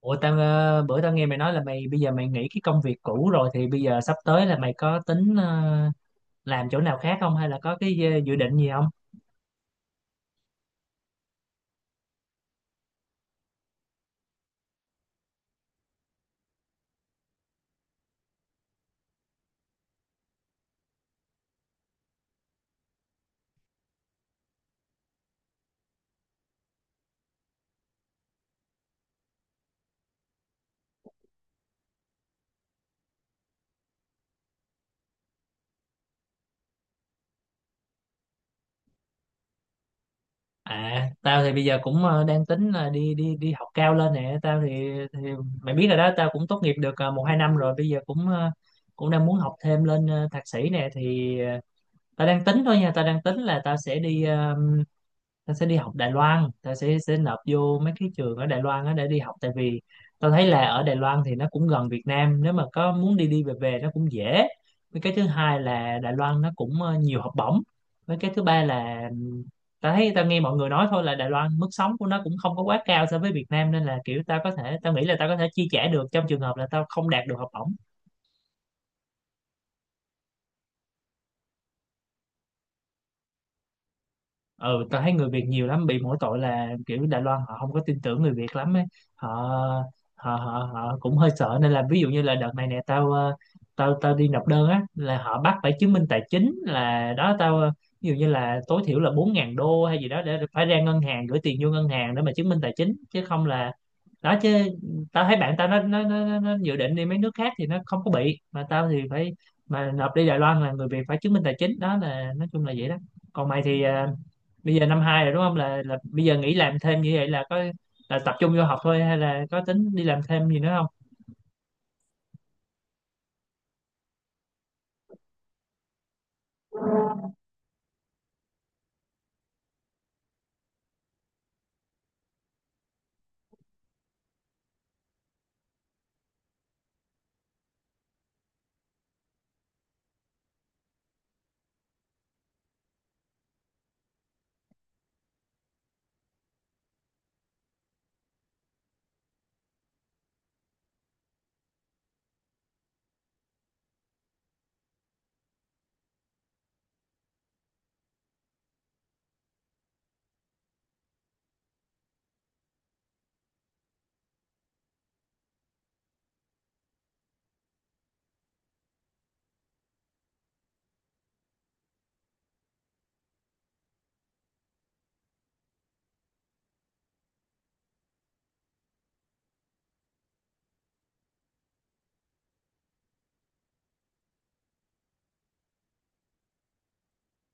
Ủa tao bữa tao nghe mày nói là mày bây giờ mày nghỉ cái công việc cũ rồi thì bây giờ sắp tới là mày có tính làm chỗ nào khác không, hay là có cái dự định gì không? À, tao thì bây giờ cũng đang tính là đi đi đi học cao lên nè. Tao thì mày biết rồi đó, tao cũng tốt nghiệp được 1 2 năm rồi, bây giờ cũng cũng đang muốn học thêm lên thạc sĩ nè. Thì tao đang tính thôi nha, tao đang tính là tao sẽ đi tao sẽ đi học Đài Loan, tao sẽ nộp vô mấy cái trường ở Đài Loan á để đi học. Tại vì tao thấy là ở Đài Loan thì nó cũng gần Việt Nam, nếu mà có muốn đi đi về về nó cũng dễ. Với cái thứ hai là Đài Loan nó cũng nhiều học bổng. Với cái thứ ba là tao thấy tao nghe mọi người nói thôi là Đài Loan mức sống của nó cũng không có quá cao so với Việt Nam, nên là kiểu tao có thể, tao nghĩ là tao có thể chi trả được trong trường hợp là tao không đạt được học bổng. Ừ, tao thấy người Việt nhiều lắm, bị mỗi tội là kiểu Đài Loan họ không có tin tưởng người Việt lắm ấy. Họ họ cũng hơi sợ. Nên là ví dụ như là đợt này nè tao tao tao đi nộp đơn á là họ bắt phải chứng minh tài chính, là đó tao ví dụ như là tối thiểu là 4000 đô hay gì đó, để phải ra ngân hàng gửi tiền vô ngân hàng để mà chứng minh tài chính, chứ không là đó chứ. Tao thấy bạn tao nó dự định đi mấy nước khác thì nó không có bị, mà tao thì phải, mà nộp đi Đài Loan là người Việt phải chứng minh tài chính đó, là nói chung là vậy đó. Còn mày thì bây giờ năm hai rồi đúng không, là bây giờ nghỉ làm thêm như vậy là có, là tập trung vô học thôi hay là có tính đi làm thêm gì nữa không?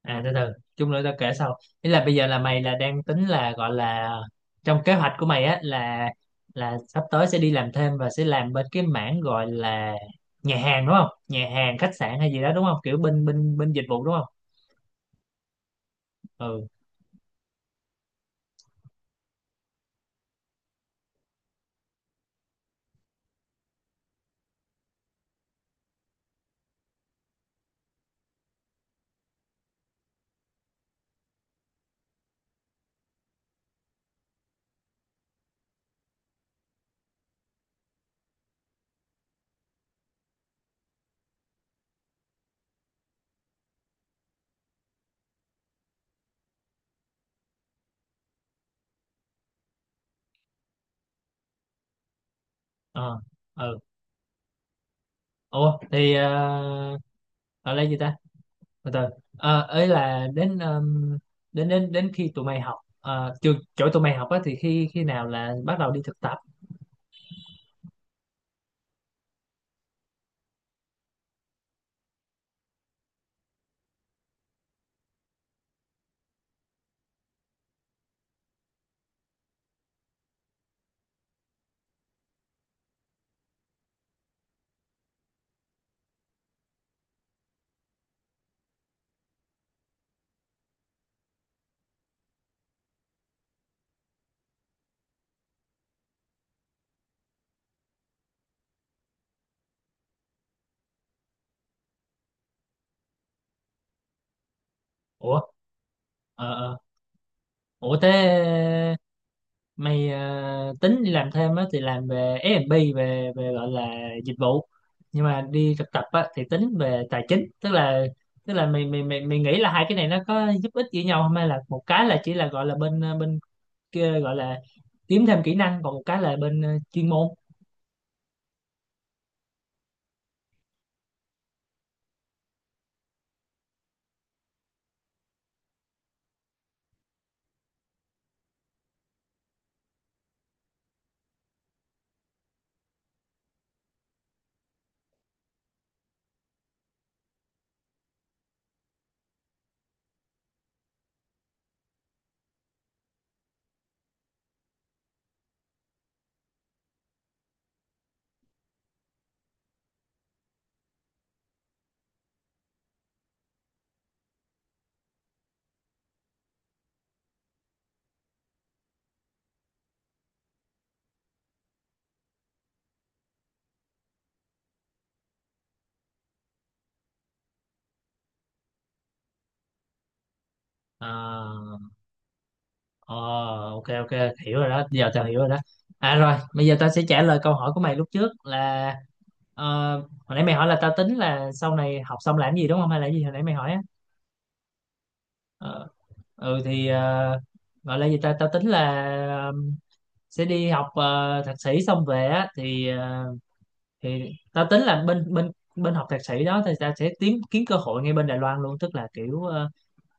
À, từ từ, chung nữa tao kể sau. Ý là bây giờ là mày là đang tính là gọi là trong kế hoạch của mày á là sắp tới sẽ đi làm thêm và sẽ làm bên cái mảng gọi là nhà hàng, đúng không? Nhà hàng khách sạn hay gì đó, đúng không, kiểu bên bên bên dịch vụ đúng không? Ừ. Ờ. Ừ. Ủa thì gọi là gì ta, từ từ. Ấy là đến đến khi tụi mày học trường chỗ tụi mày học á thì khi khi nào là bắt đầu đi thực tập? Ủa. Ờ ờ. Ủa thế mày tính đi làm thêm á thì làm về F&B, về về gọi là dịch vụ, nhưng mà đi thực tập á thì tính về tài chính. Tức là tức là mày mày mày mày nghĩ là hai cái này nó có giúp ích gì nhau không, hay là một cái là chỉ là gọi là bên bên kia gọi là kiếm thêm kỹ năng, còn một cái là bên chuyên môn? Ờ. Ờ, ok ok, hiểu rồi đó, giờ tao hiểu rồi đó. À rồi bây giờ tao sẽ trả lời câu hỏi của mày lúc trước là hồi nãy mày hỏi là tao tính là sau này học xong làm gì đúng không, hay là gì hồi nãy mày hỏi á. Ờ, ừ thì gọi là gì ta, tao tính là ờ, sẽ đi học thạc sĩ xong về á thì thì tao tính là bên bên bên học thạc sĩ đó thì tao sẽ tìm kiếm cơ hội ngay bên Đài Loan luôn. Tức là kiểu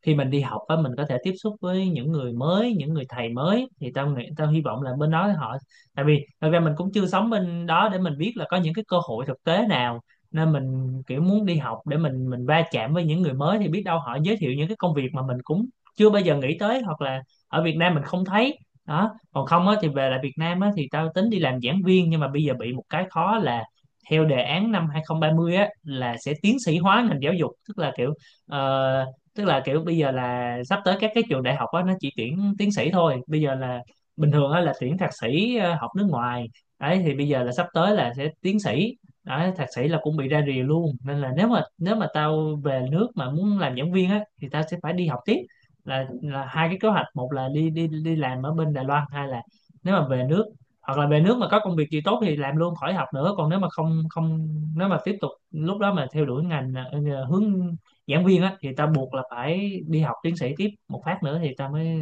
khi mình đi học á mình có thể tiếp xúc với những người mới, những người thầy mới, thì tao nghĩ tao hy vọng là bên đó họ, tại vì thật ra mình cũng chưa sống bên đó để mình biết là có những cái cơ hội thực tế nào, nên mình kiểu muốn đi học để mình va chạm với những người mới thì biết đâu họ giới thiệu những cái công việc mà mình cũng chưa bao giờ nghĩ tới, hoặc là ở Việt Nam mình không thấy đó. Còn không á thì về lại Việt Nam á thì tao tính đi làm giảng viên, nhưng mà bây giờ bị một cái khó là theo đề án năm 2030 á là sẽ tiến sĩ hóa ngành giáo dục, tức là kiểu ờ, tức là kiểu bây giờ là sắp tới các cái trường đại học á nó chỉ tuyển tiến sĩ thôi, bây giờ là bình thường á là tuyển thạc sĩ học nước ngoài. Đấy, thì bây giờ là sắp tới là sẽ tiến sĩ, đấy, thạc sĩ là cũng bị ra rìa luôn. Nên là nếu mà tao về nước mà muốn làm giảng viên á thì tao sẽ phải đi học tiếp. Là hai cái kế hoạch, một là đi đi đi làm ở bên Đài Loan, hai là nếu mà về nước, hoặc là về nước mà có công việc gì tốt thì làm luôn khỏi học nữa, còn nếu mà không không, nếu mà tiếp tục lúc đó mà theo đuổi ngành hướng giảng viên á thì ta buộc là phải đi học tiến sĩ tiếp một phát nữa thì ta mới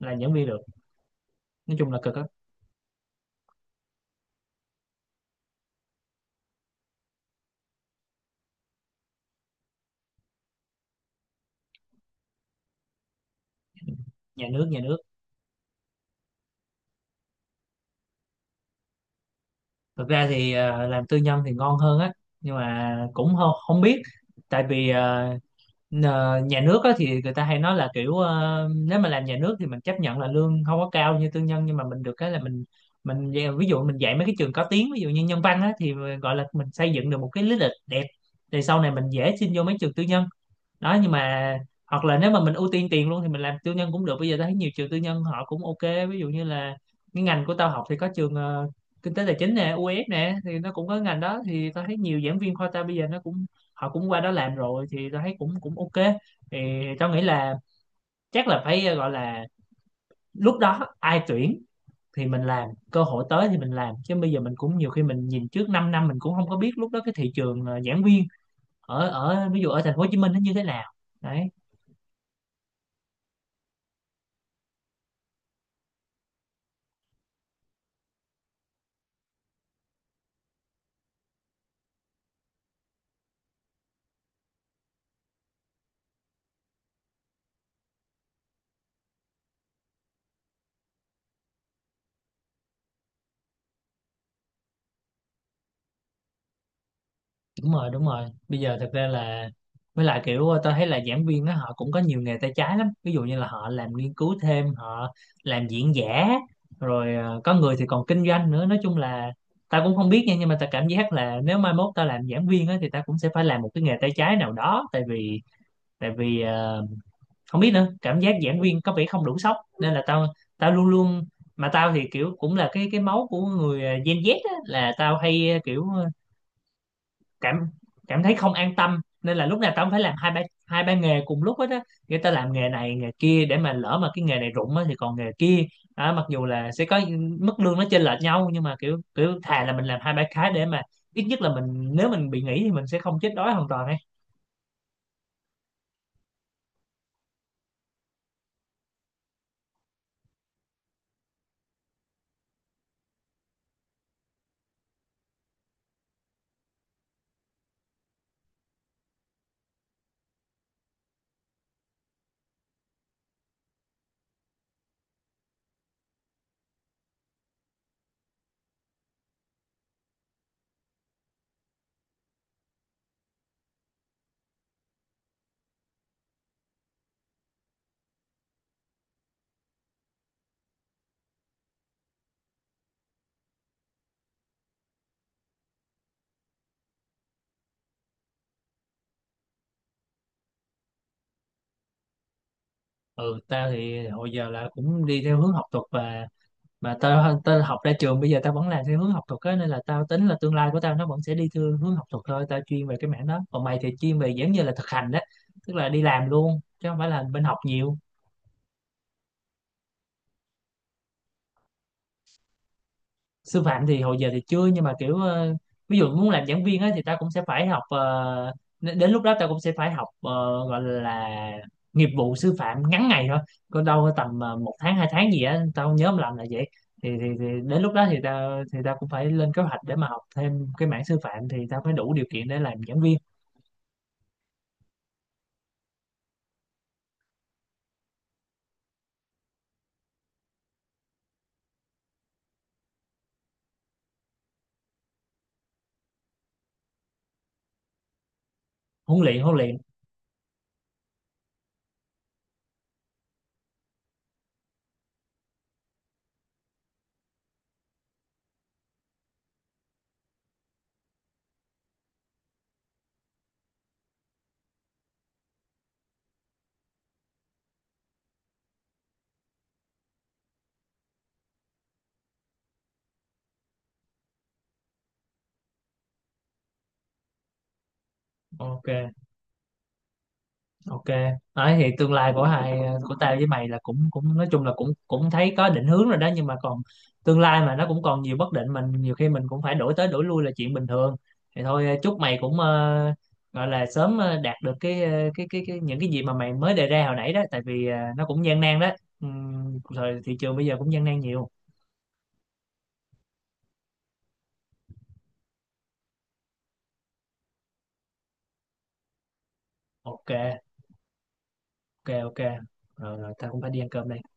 làm giảng viên được. Nói chung là cực á. Nhà nước, nhà nước. Thực ra thì làm tư nhân thì ngon hơn á, nhưng mà cũng không, không biết. Tại vì nhà nước á thì người ta hay nói là kiểu nếu mà làm nhà nước thì mình chấp nhận là lương không có cao như tư nhân, nhưng mà mình được cái là mình ví dụ mình dạy mấy cái trường có tiếng, ví dụ như nhân văn á, thì gọi là mình xây dựng được một cái lý lịch đẹp, thì sau này mình dễ xin vô mấy trường tư nhân đó. Nhưng mà hoặc là nếu mà mình ưu tiên tiền luôn thì mình làm tư nhân cũng được, bây giờ tao thấy nhiều trường tư nhân họ cũng ok. Ví dụ như là cái ngành của tao học thì có trường kinh tế tài chính nè, UF nè, thì nó cũng có ngành đó. Thì tao thấy nhiều giảng viên khoa tao bây giờ nó cũng, họ cũng qua đó làm rồi, thì tao thấy cũng cũng ok. Thì tao nghĩ là chắc là phải gọi là lúc đó ai tuyển thì mình làm, cơ hội tới thì mình làm, chứ bây giờ mình cũng nhiều khi mình nhìn trước 5 năm năm mình cũng không có biết lúc đó cái thị trường giảng viên ở ở ví dụ ở thành phố Hồ Chí Minh nó như thế nào. Đấy. Đúng rồi, đúng rồi, bây giờ thật ra là, với lại kiểu tôi thấy là giảng viên đó họ cũng có nhiều nghề tay trái lắm, ví dụ như là họ làm nghiên cứu thêm, họ làm diễn giả, rồi có người thì còn kinh doanh nữa. Nói chung là tao cũng không biết nha, nhưng mà tao cảm giác là nếu mai mốt tao làm giảng viên á thì tao cũng sẽ phải làm một cái nghề tay trái nào đó. Tại vì tại vì ờ, không biết nữa, cảm giác giảng viên có vẻ không đủ sốc nên là tao tao luôn luôn, mà tao thì kiểu cũng là cái máu của người Gen Z á, là tao hay kiểu cảm cảm thấy không an tâm, nên là lúc nào tao cũng phải làm hai ba nghề cùng lúc hết á, người ta làm nghề này nghề kia để mà lỡ mà cái nghề này rụng á thì còn nghề kia. Đó, mặc dù là sẽ có mức lương nó chênh lệch nhau, nhưng mà kiểu kiểu thà là mình làm hai ba cái để mà ít nhất là mình, nếu mình bị nghỉ thì mình sẽ không chết đói hoàn toàn ấy. Ừ, tao thì hồi giờ là cũng đi theo hướng học thuật, và mà tao tao học ra trường bây giờ tao vẫn làm theo hướng học thuật á, nên là tao tính là tương lai của tao nó vẫn sẽ đi theo hướng học thuật thôi, tao chuyên về cái mảng đó. Còn mày thì chuyên về giống như là thực hành đó, tức là đi làm luôn chứ không phải là bên học nhiều. Sư phạm thì hồi giờ thì chưa, nhưng mà kiểu ví dụ muốn làm giảng viên á thì ta cũng sẽ phải học đến lúc đó ta cũng sẽ phải học gọi là nghiệp vụ sư phạm ngắn ngày thôi, có đâu có tầm 1 tháng 2 tháng gì á, tao không nhớ không lầm là vậy. Thì, thì đến lúc đó thì ta cũng phải lên kế hoạch để mà học thêm cái mảng sư phạm thì ta phải đủ điều kiện để làm giảng viên. Huấn luyện, huấn luyện. Ok ok. Đấy thì tương lai của hai của tao với mày là cũng cũng nói chung là cũng cũng thấy có định hướng rồi đó, nhưng mà còn tương lai mà nó cũng còn nhiều bất định, mình nhiều khi mình cũng phải đổi tới đổi lui là chuyện bình thường. Thì thôi, chúc mày cũng gọi là sớm đạt được cái, cái những cái gì mà mày mới đề ra hồi nãy đó, tại vì nó cũng gian nan đó. Rồi thị trường bây giờ cũng gian nan nhiều. Ok ok. Ok, rồi, rồi tao cũng phải đi ăn cơm đây.